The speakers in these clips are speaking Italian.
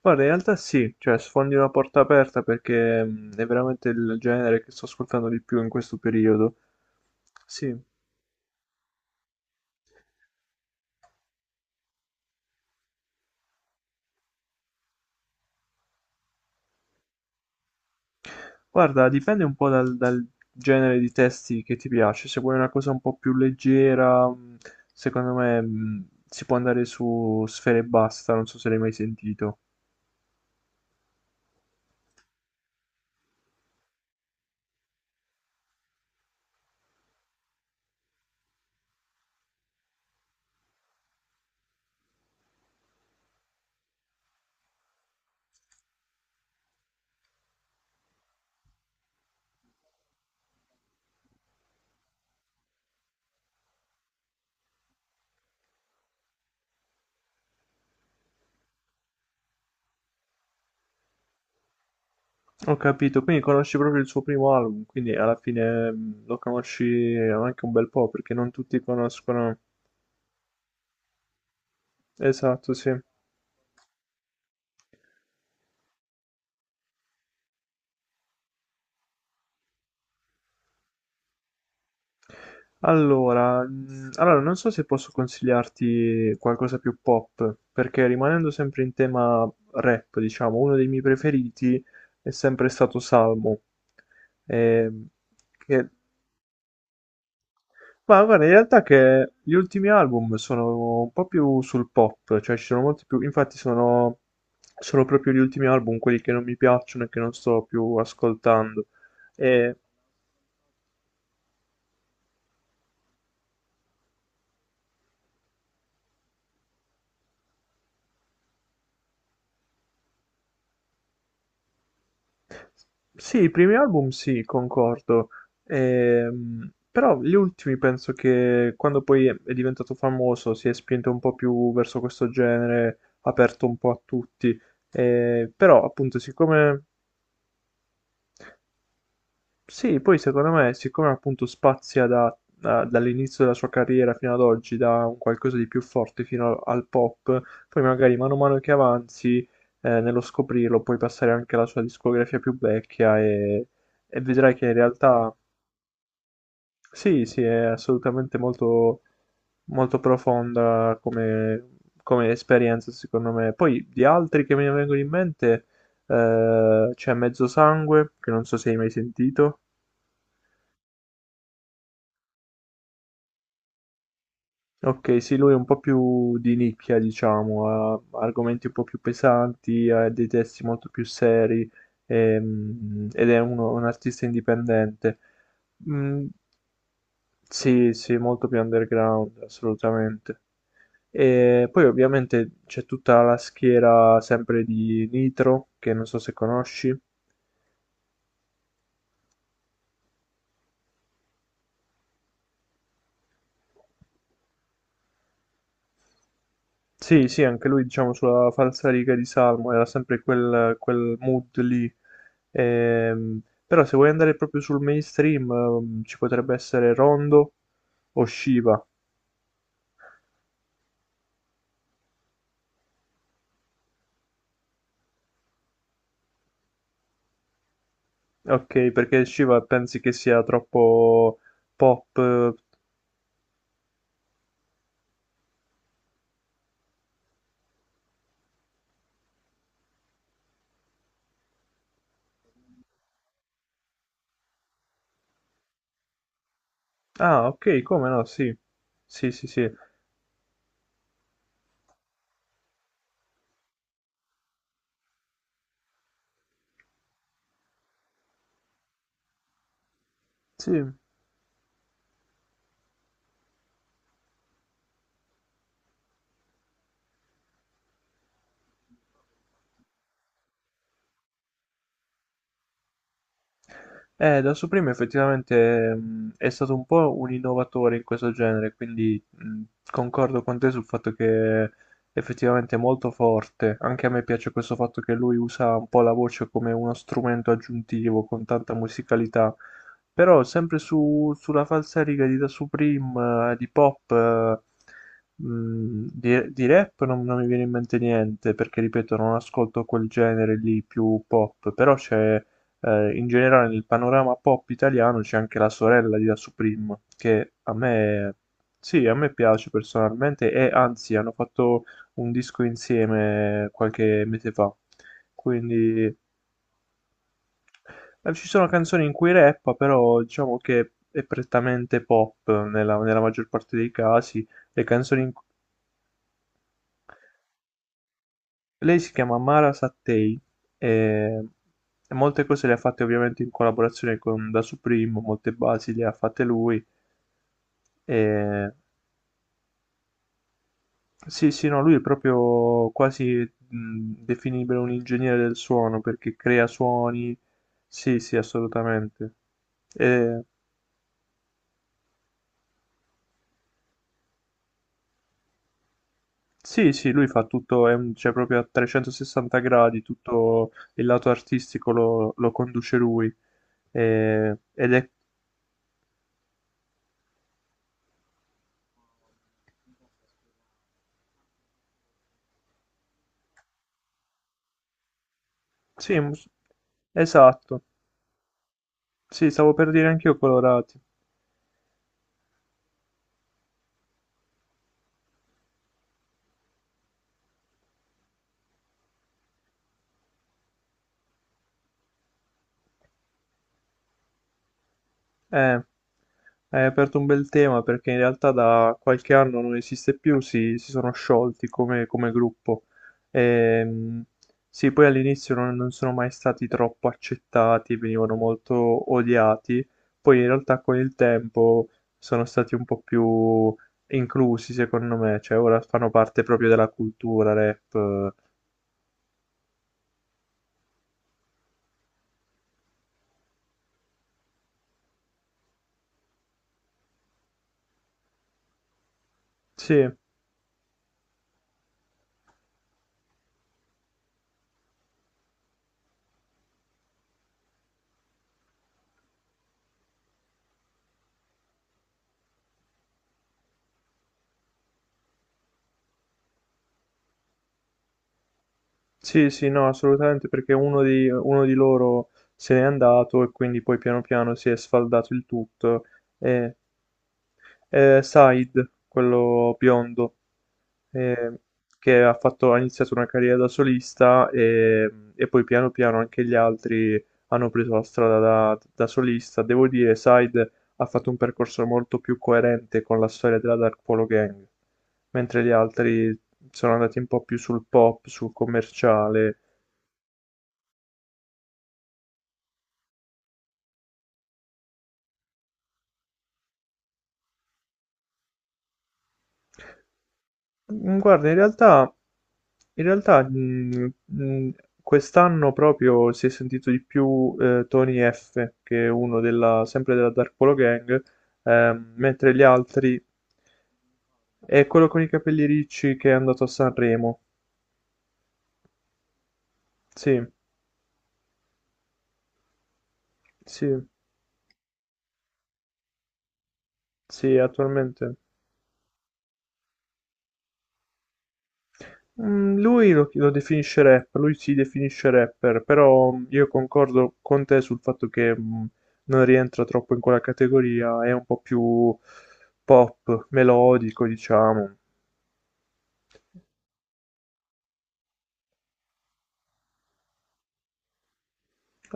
Guarda, in realtà sì, cioè sfondi una porta aperta perché è veramente il genere che sto ascoltando di più in questo periodo. Sì, guarda, dipende un po' dal genere di testi che ti piace. Se vuoi una cosa un po' più leggera, secondo me si può andare su Sfera e Basta, non so se l'hai mai sentito. Ho capito, quindi conosci proprio il suo primo album, quindi alla fine lo conosci anche un bel po' perché non tutti conoscono. Esatto, sì. Allora, non so se posso consigliarti qualcosa più pop, perché rimanendo sempre in tema rap, diciamo, uno dei miei preferiti è sempre stato Salmo. Ehm, che- Ma guarda, in realtà che gli ultimi album sono un po' più sul pop, cioè ci sono molti più, infatti sono, sono proprio gli ultimi album quelli che non mi piacciono e che non sto più ascoltando. Sì, i primi album sì, concordo. Però gli ultimi penso che quando poi è diventato famoso si è spinto un po' più verso questo genere, aperto un po' a tutti. Però appunto, siccome sì, poi secondo me, siccome appunto spazia dall'inizio della sua carriera fino ad oggi, da un qualcosa di più forte fino al pop, poi magari mano a mano che avanzi, nello scoprirlo, puoi passare anche alla sua discografia più vecchia e vedrai che in realtà sì, sì, è assolutamente molto, molto profonda come, come esperienza, secondo me. Poi di altri che mi vengono in mente, c'è Mezzo Sangue, che non so se hai mai sentito. Ok, sì, lui è un po' più di nicchia, diciamo, ha argomenti un po' più pesanti, ha dei testi molto più seri ed è un artista indipendente. Mm, sì, sì, molto più underground, assolutamente. E poi ovviamente c'è tutta la schiera sempre di Nitro, che non so se conosci. Sì, sì, anche lui, diciamo, sulla falsariga di Salmo, era sempre quel mood lì. Ehm, però se vuoi andare proprio sul mainstream, ci potrebbe essere Rondo o Shiva. Ok, perché Shiva pensi che sia troppo pop? Eh? Ah, ok, come no, sì. Sì, sì, sì. Sì. Da Supreme effettivamente è stato un po' un innovatore in questo genere, quindi concordo con te sul fatto che effettivamente è molto forte. Anche a me piace questo fatto che lui usa un po' la voce come uno strumento aggiuntivo con tanta musicalità. Però sempre sulla falsariga di Da Supreme, di pop, di rap non, non mi viene in mente niente, perché ripeto, non ascolto quel genere lì più pop, però c'è in generale nel panorama pop italiano c'è anche la sorella di La Supreme, che a me, sì, a me piace personalmente e anzi hanno fatto un disco insieme qualche mese fa. Quindi ci sono canzoni in cui rappa, però diciamo che è prettamente pop nella maggior parte dei casi. Le canzoni in- Lei si chiama Mara Sattei e e molte cose le ha fatte ovviamente in collaborazione con Da Supreme, molte basi le ha fatte lui. E... Sì, sì, no, lui è proprio quasi definibile un ingegnere del suono perché crea suoni. Sì, sì, assolutamente. E... Sì, sì, lui fa tutto, è cioè proprio a 360 gradi, tutto il lato artistico lo, lo conduce lui. Ed è Sì, esatto. Sì, stavo per dire anch'io colorati. Eh, hai aperto un bel tema perché in realtà da qualche anno non esiste più, si sono sciolti come, come gruppo. Ehm, sì, poi all'inizio non, non sono mai stati troppo accettati, venivano molto odiati. Poi in realtà con il tempo sono stati un po' più inclusi, secondo me. Cioè, ora fanno parte proprio della cultura rap. Sì. Sì, sì, no, assolutamente, perché uno di loro se n'è andato e quindi poi piano piano si è sfaldato il tutto. E, e Said, quello biondo, eh, che ha fatto, ha iniziato una carriera da solista e poi piano piano anche gli altri hanno preso la strada da solista. Devo dire, Said ha fatto un percorso molto più coerente con la storia della Dark Polo Gang, mentre gli altri sono andati un po' più sul pop, sul commerciale. Mhmm, guarda, in realtà, mhmm, mhmm, quest'anno proprio si è sentito di più, Tony F, che è uno della sempre della Dark Polo Gang, mentre gli altri è quello con i capelli ricci che è andato a Sanremo. Sì, sì, sì, attualmente Mm, Lui lo, lo definisce rapper, lui si definisce rapper, però io concordo con te sul fatto che non rientra troppo in quella categoria, è un po' più pop, melodico, diciamo.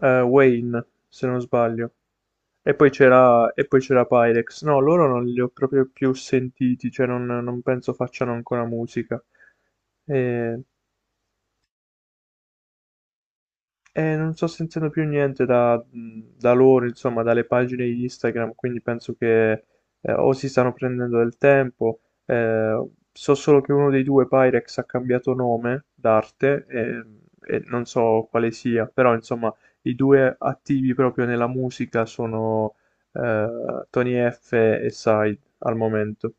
Wayne, se non sbaglio. E poi c'era Pyrex. No, loro non li ho proprio più sentiti, cioè non, non penso facciano ancora musica. Eh, E non sto sentendo più niente da loro, insomma, dalle pagine di Instagram, quindi penso che o si stanno prendendo del tempo. Eh, so solo che uno dei due Pyrex ha cambiato nome d'arte e non so quale sia, però insomma, i due attivi proprio nella musica sono Tony F e Side al momento.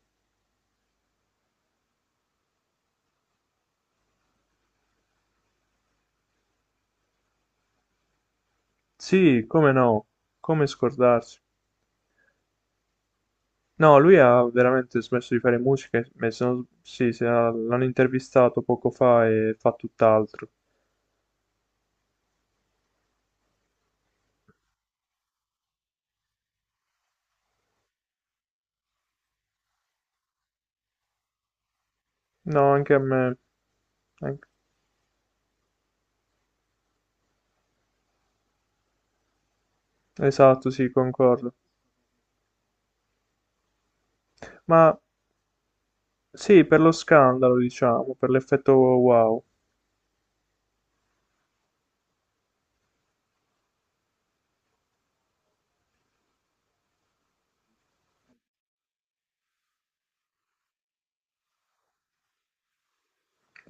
Sì, come no, come scordarsi. No, lui ha veramente smesso di fare musica, e se non- sì, se ha- l'hanno intervistato poco fa e fa tutt'altro. No, anche a me. Anche- Esatto, sì, concordo. Ma sì, per lo scandalo, diciamo, per l'effetto wow.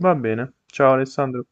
Va bene. Ciao Alessandro.